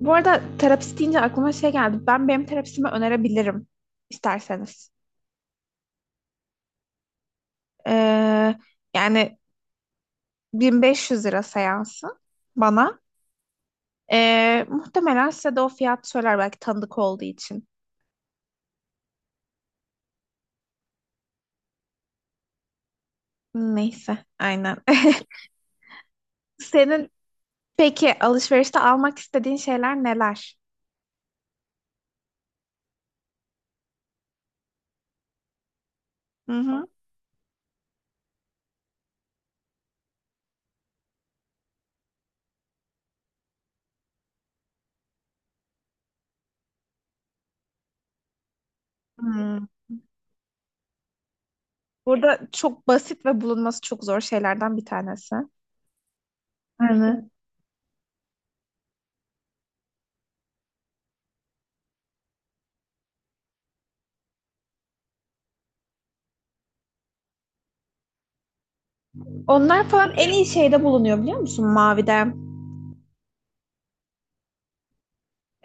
Bu arada terapist deyince aklıma şey geldi. Ben benim terapistime önerebilirim isterseniz. Ee, yani 1500 lira seansı bana. Muhtemelen size de o fiyat söyler belki tanıdık olduğu için. Neyse, aynen. Senin peki alışverişte almak istediğin şeyler neler? Hı hı. Hmm. Burada çok basit ve bulunması çok zor şeylerden bir tanesi. Hı hı. Onlar falan en iyi şeyde bulunuyor biliyor musun? Mavide.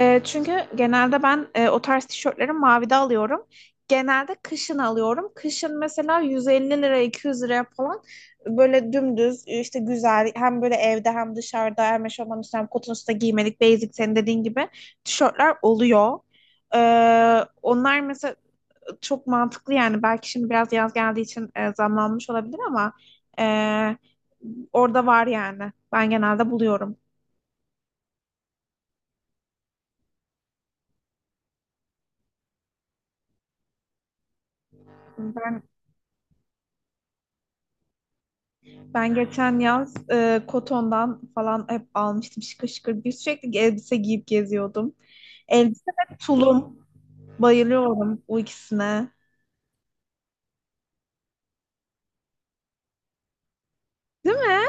Çünkü genelde ben o tarz tişörtleri mavide alıyorum. Genelde kışın alıyorum. Kışın mesela 150 lira 200 liraya falan böyle dümdüz işte güzel hem böyle evde hem dışarıda hem eşofman üstüne hem kotun üstüne giymelik basic senin dediğin gibi tişörtler oluyor. E, onlar mesela çok mantıklı yani belki şimdi biraz yaz geldiği için zamlanmış olabilir ama e, orada var yani. Ben genelde buluyorum. Ben Ben geçen yaz Koton'dan falan hep almıştım şıkır şıkır bir sürekli elbise giyip geziyordum. Elbise ve tulum. Bayılıyorum bu ikisine. Değil mi?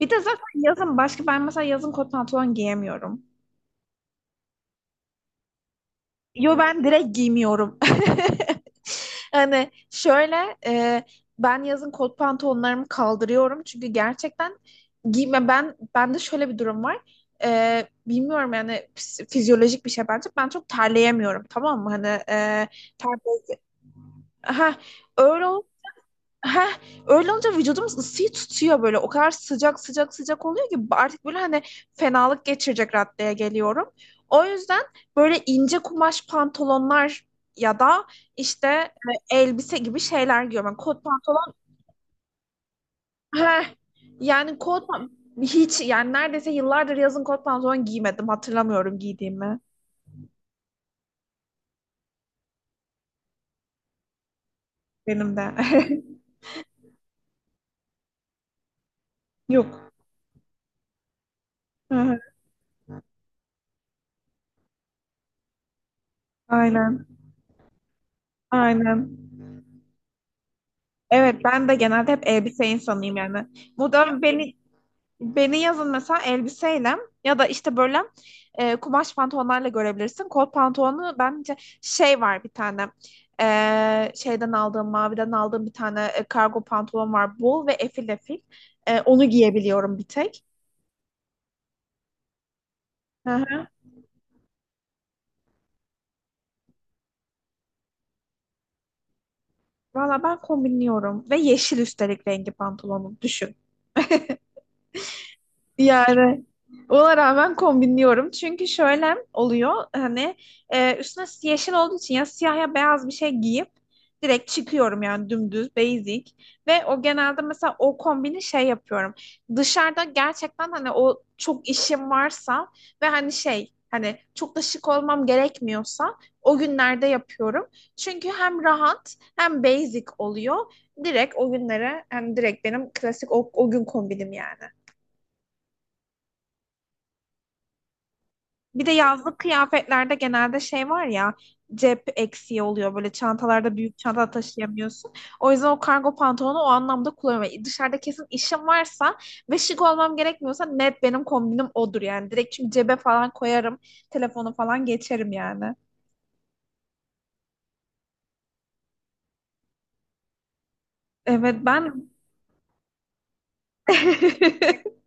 Bir de zaten yazın başka ben mesela yazın kot pantolon giyemiyorum. Yo, ben direkt giymiyorum. Hani şöyle ben yazın kot pantolonlarımı kaldırıyorum çünkü gerçekten giyme ben bende şöyle bir durum var. Bilmiyorum yani fizyolojik bir şey bence. Ben çok terleyemiyorum tamam mı? Hani ter- ha, öyle. Heh, öyle olunca vücudumuz ısıyı tutuyor böyle. O kadar sıcak sıcak sıcak oluyor ki artık böyle hani fenalık geçirecek raddeye geliyorum. O yüzden böyle ince kumaş pantolonlar ya da işte elbise gibi şeyler giyiyorum. Yani kot pantolon heh, yani hiç yani neredeyse yıllardır yazın kot pantolon giymedim. Hatırlamıyorum giydiğimi benim de. Yok. Hı hı, aynen, aynen. Evet ben de genelde hep elbise insanıyım yani. Bu beni Beni yazın mesela elbiseyle ya da işte böyle kumaş pantolonlarla görebilirsin. Kot pantolonu bence şey var bir tane. Şeyden aldığım, maviden aldığım bir tane kargo pantolon var. Bol ve efil efil. Onu giyebiliyorum bir tek. Hı hı. Valla ben kombinliyorum. Ve yeşil üstelik rengi pantolonu. Düşün. Yani ona rağmen kombinliyorum. Çünkü şöyle oluyor hani üstüne yeşil olduğu için ya siyah ya beyaz bir şey giyip direkt çıkıyorum yani dümdüz basic ve o genelde mesela o kombini şey yapıyorum. Dışarıda gerçekten hani o çok işim varsa ve hani şey hani çok da şık olmam gerekmiyorsa o günlerde yapıyorum. Çünkü hem rahat hem basic oluyor. Direkt o günlere hani direkt benim klasik o gün kombinim yani. Bir de yazlık kıyafetlerde genelde şey var ya cep eksiği oluyor böyle çantalarda büyük çanta taşıyamıyorsun. O yüzden o kargo pantolonu o anlamda kullanıyorum. Yani dışarıda kesin işim varsa ve şık olmam gerekmiyorsa net benim kombinim odur yani. Direkt çünkü cebe falan koyarım telefonu falan geçerim yani. Evet ben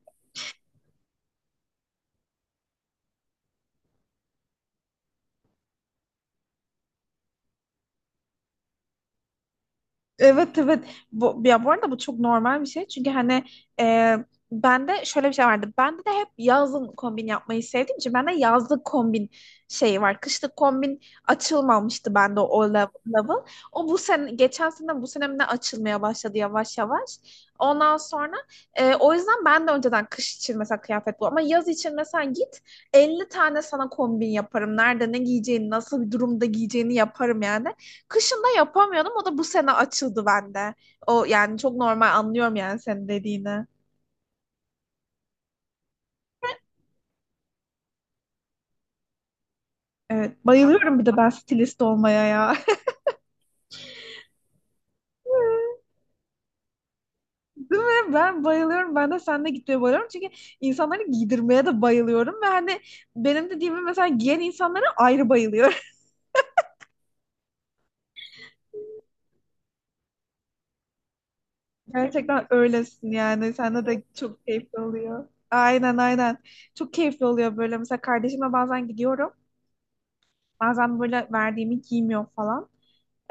Evet, evet. Bu, ya bu arada bu çok normal bir şey. Çünkü hani e, bende şöyle bir şey vardı. Bende de hep yazın kombin yapmayı sevdiğim için bende yazlık kombin şeyi var. Kışlık kombin açılmamıştı bende o level. O bu sene, geçen sene bu sene mi ne açılmaya başladı yavaş yavaş. Ondan sonra o yüzden ben de önceden kış için mesela kıyafet bul. Ama yaz için mesela git 50 tane sana kombin yaparım. Nerede ne giyeceğini, nasıl bir durumda giyeceğini yaparım yani. Kışında yapamıyordum. O da bu sene açıldı bende. O yani çok normal anlıyorum yani senin dediğini. Evet, bayılıyorum bir de ben stilist olmaya ya. Değil mi? Ben bayılıyorum. Ben de seninle gitmeye bayılıyorum. Çünkü insanları giydirmeye de bayılıyorum. Ve hani benim dediğimi mesela giyen insanlara ayrı bayılıyorum. Gerçekten öylesin yani. Sende de çok keyifli oluyor. Aynen, aynen. Çok keyifli oluyor böyle. Mesela kardeşimle bazen gidiyorum. Bazen böyle verdiğimi giymiyor falan.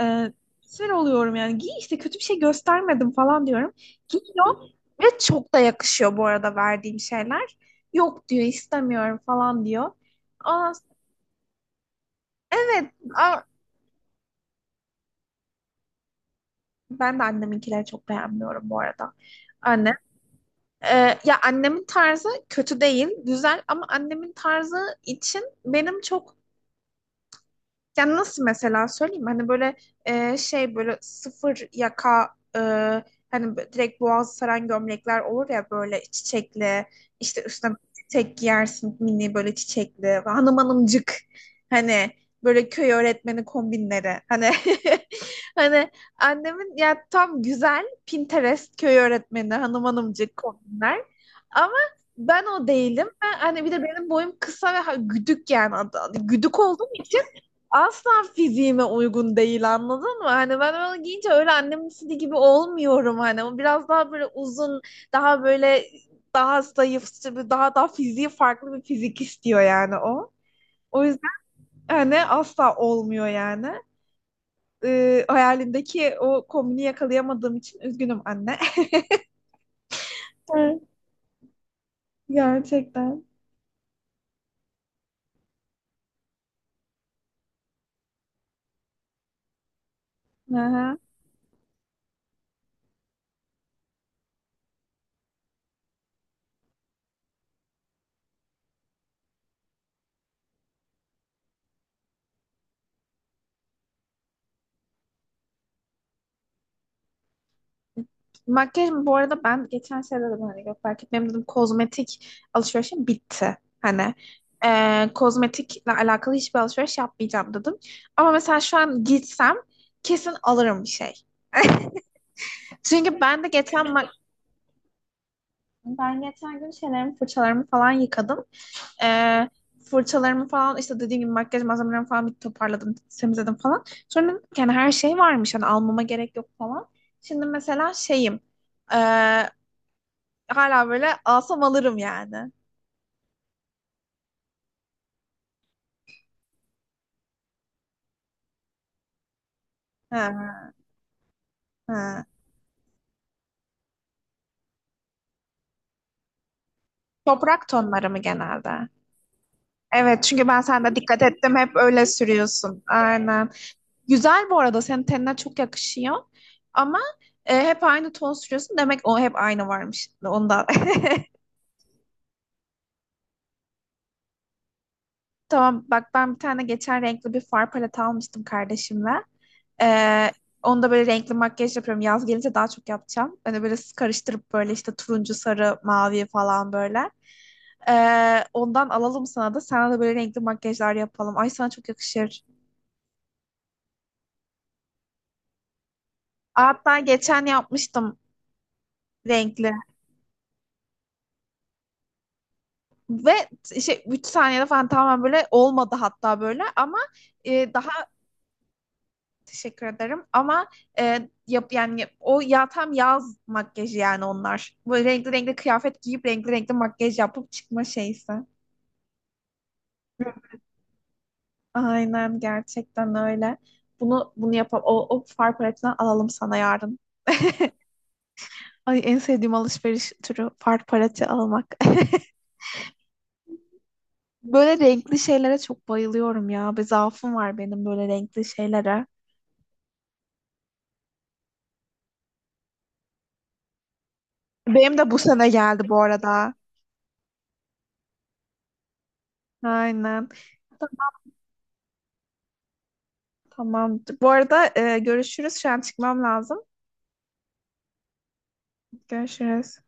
Ee, sinir oluyorum yani. Giy işte kötü bir şey göstermedim falan diyorum. Giyiyor ve çok da yakışıyor bu arada verdiğim şeyler. Yok diyor istemiyorum falan diyor. Aa, evet. Aa, ben de anneminkileri çok beğenmiyorum bu arada. Anne. e, Ya annemin tarzı kötü değil, güzel ama annemin tarzı için benim çok. Yani nasıl mesela söyleyeyim hani böyle şey böyle sıfır yaka hani böyle direkt boğazı saran gömlekler olur ya böyle çiçekli işte üstüne çiçek giyersin mini böyle çiçekli hanım hanımcık hani böyle köy öğretmeni kombinleri hani hani annemin ya tam güzel Pinterest köy öğretmeni hanım hanımcık kombinler ama ben o değilim ben hani bir de benim boyum kısa ve güdük yani güdük olduğum için asla fiziğime uygun değil anladın mı? Hani ben onu giyince öyle annemin istediği gibi olmuyorum hani. O biraz daha böyle uzun, daha böyle daha zayıf, işte bir daha fiziği farklı bir fizik istiyor yani o. O yüzden hani asla olmuyor yani. Hayalimdeki o kombini yakalayamadığım için üzgünüm anne. Evet, gerçekten. Aha. Makyaj bu arada ben geçen sene dedim hani fark etmem dedim kozmetik alışverişim bitti. Hani kozmetikle alakalı hiçbir alışveriş yapmayacağım dedim. Ama mesela şu an gitsem kesin alırım bir şey. Çünkü ben geçen gün şeylerimi fırçalarımı falan yıkadım. Eee, fırçalarımı falan işte dediğim gibi makyaj malzemelerimi falan bir toparladım temizledim falan. Sonra dedim ki, yani her şey varmış hani almama gerek yok falan. Şimdi mesela şeyim eee, hala böyle alsam alırım yani. Ha, ha. Toprak tonları mı genelde? Evet çünkü ben sende dikkat ettim hep öyle sürüyorsun. Aynen. Güzel bu arada senin tenine çok yakışıyor. Ama hep aynı ton sürüyorsun. Demek o hep aynı varmış. Onda. Tamam bak ben bir tane geçen renkli bir far paleti almıştım kardeşimle. Ee, onu böyle renkli makyaj yapıyorum. Yaz gelince daha çok yapacağım. Hani böyle karıştırıp böyle işte turuncu, sarı, mavi falan böyle. Ondan alalım sana da. Sana da böyle renkli makyajlar yapalım. Ay, sana çok yakışır. Hatta geçen yapmıştım renkli. Ve şey 3 saniyede falan tamamen böyle olmadı hatta böyle. Ama daha teşekkür ederim. Ama yani o ya tam yaz makyajı yani onlar. Böyle renkli renkli kıyafet giyip renkli renkli makyaj yapıp çıkma şeysi. Aynen, gerçekten öyle. Bunu yapalım. O far paletinden alalım sana yarın. Ay, en sevdiğim alışveriş türü far paleti almak. Böyle renkli şeylere çok bayılıyorum ya. Bir zaafım var benim böyle renkli şeylere. Benim de bu sene geldi bu arada. Aynen. Tamam. Tamam. Bu arada görüşürüz. Şu an çıkmam lazım. Görüşürüz.